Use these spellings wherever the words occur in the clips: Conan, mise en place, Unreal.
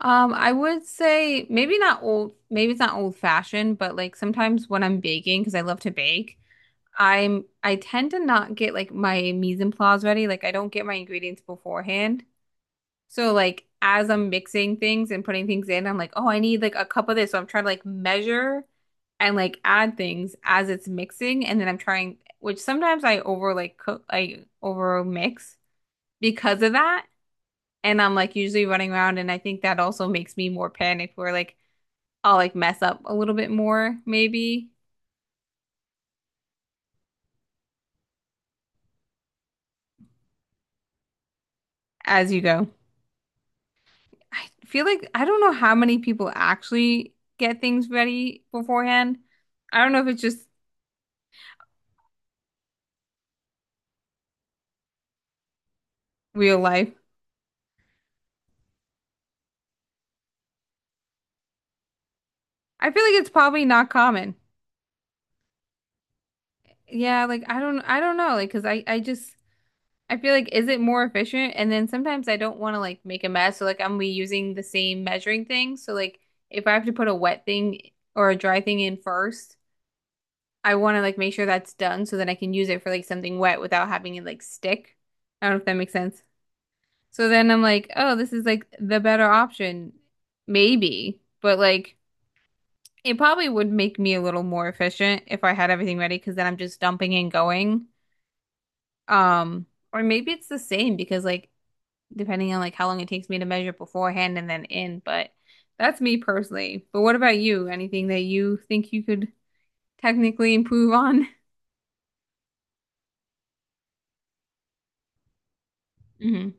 I would say maybe not old, maybe it's not old fashioned, but like sometimes when I'm baking, because I love to bake, I tend to not get like my mise en place ready. Like I don't get my ingredients beforehand. So like as I'm mixing things and putting things in, I'm like, oh, I need like a cup of this. So I'm trying to like measure and like add things as it's mixing, and then I'm trying, which sometimes I over like cook, I over mix because of that. And I'm like usually running around, and I think that also makes me more panicked where like I'll like mess up a little bit more maybe as you go. I feel like I don't know how many people actually get things ready beforehand. I don't know if it's just real life. I feel like it's probably not common. Yeah, like I don't know like 'cause I just I feel like is it more efficient? And then sometimes I don't want to like make a mess, so like I'm reusing the same measuring thing. So like if I have to put a wet thing or a dry thing in first, I want to like make sure that's done so that I can use it for like something wet without having it like stick. I don't know if that makes sense. So then I'm like, oh, this is like the better option, maybe. But like, it probably would make me a little more efficient if I had everything ready because then I'm just dumping and going. Um, or maybe it's the same because like depending on like how long it takes me to measure beforehand and then in. But that's me personally. But what about you? Anything that you think you could technically improve on? hmm.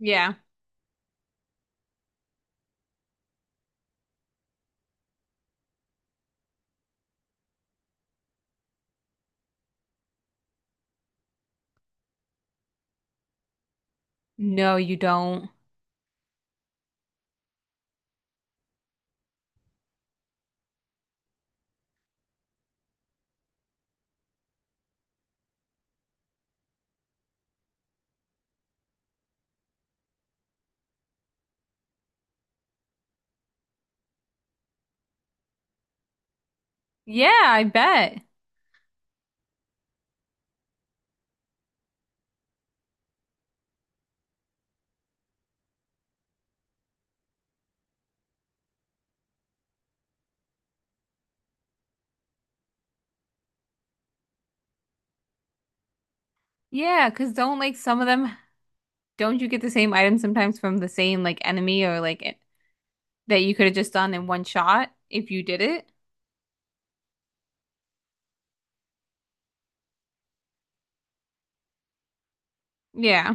Yeah. No, you don't. Yeah, I bet. Yeah, because 'cause don't like some of them, don't you get the same item sometimes from the same like enemy or like it, that you could have just done in one shot if you did it? Yeah.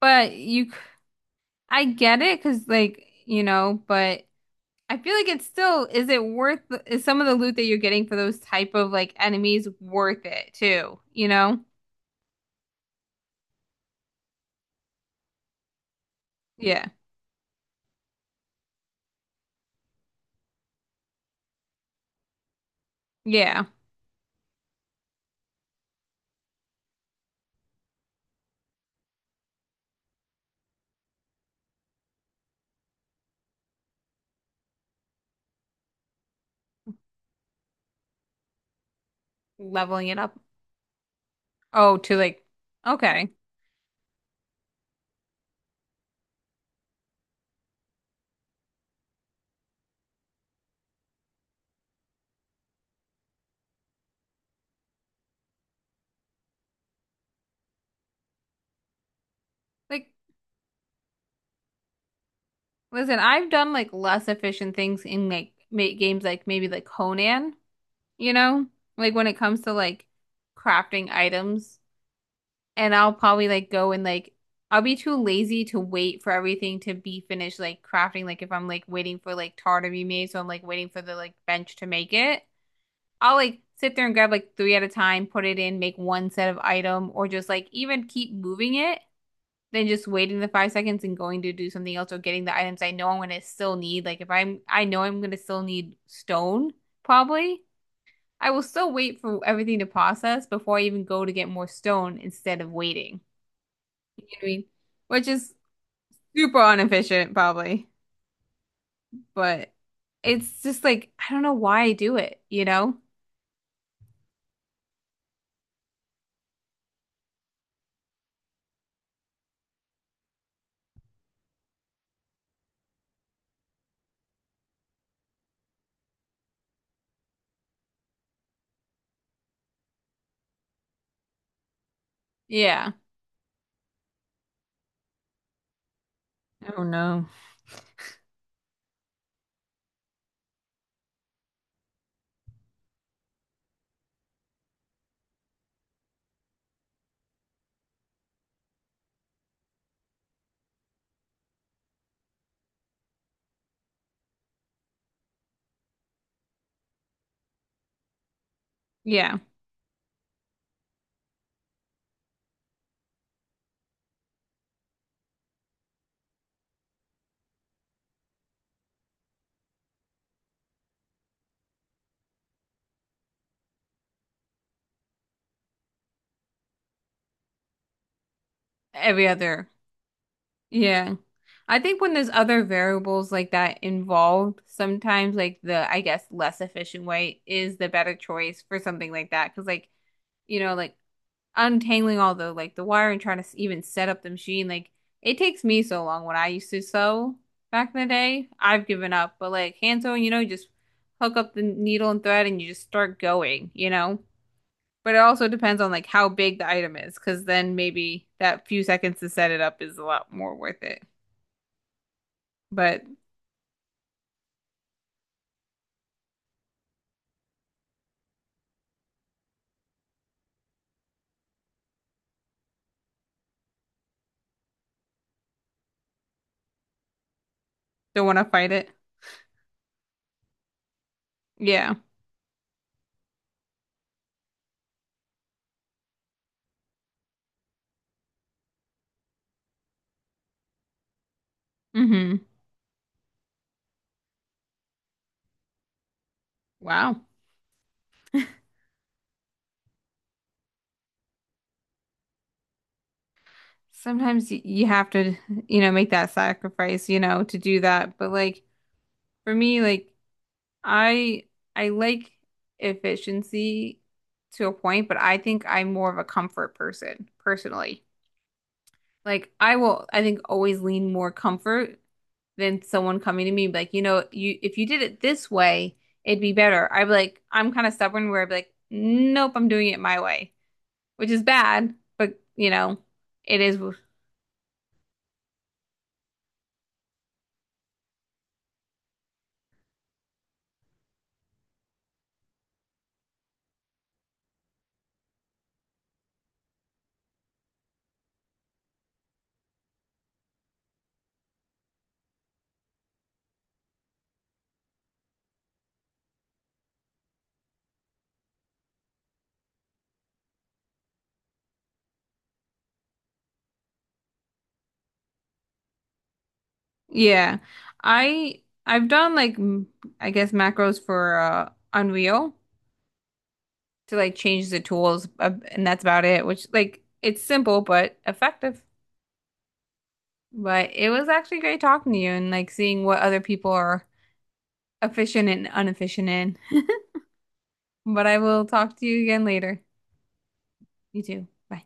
But you, c- I get it, cause like, you know, but I feel like it's still, is it worth, is some of the loot that you're getting for those type of like enemies worth it too, you know? Yeah. Yeah. Leveling it up. Oh, to like, okay. Like, Listen, I've done like less efficient things in like ma games like maybe like Conan, you know? Like when it comes to like crafting items, and I'll probably like go and like I'll be too lazy to wait for everything to be finished like crafting like if I'm like waiting for like tar to be made, so I'm like waiting for the like bench to make it. I'll like sit there and grab like three at a time, put it in, make one set of item or just like even keep moving it than just waiting the 5 seconds and going to do something else or getting the items I know I'm gonna still need. Like if I know I'm gonna still need stone, probably. I will still wait for everything to process before I even go to get more stone instead of waiting. You know what I mean? Which is super inefficient, probably. But it's just like I don't know why I do it, you know? Yeah. Oh no. Yeah. Every other Yeah. I think when there's other variables like that involved, sometimes like the, I guess, less efficient way is the better choice for something like that. Because like, you know, like untangling all the like the wire and trying to even set up the machine, like it takes me so long when I used to sew back in the day. I've given up, but like hand sewing, you know, you just hook up the needle and thread and you just start going, you know? But it also depends on like how big the item is, because then maybe that few seconds to set it up is a lot more worth it. But don't want to fight it. Yeah. Hmm. Wow. Sometimes you have to, you know, make that sacrifice, you know, to do that. But like for me, like I I like efficiency to a point, but I think I'm more of a comfort person personally. Like I will, I think always lean more comfort than someone coming to me and be like, you know, you if you did it this way, it'd be better. I'd be like, I'm kind of stubborn where I'd be like, nope, I'm doing it my way. Which is bad, but you know, it is. Yeah, I've done like I guess macros for Unreal to like change the tools, and that's about it. Which like it's simple but effective. But it was actually great talking to you and like seeing what other people are efficient and inefficient in. But I will talk to you again later. You too. Bye.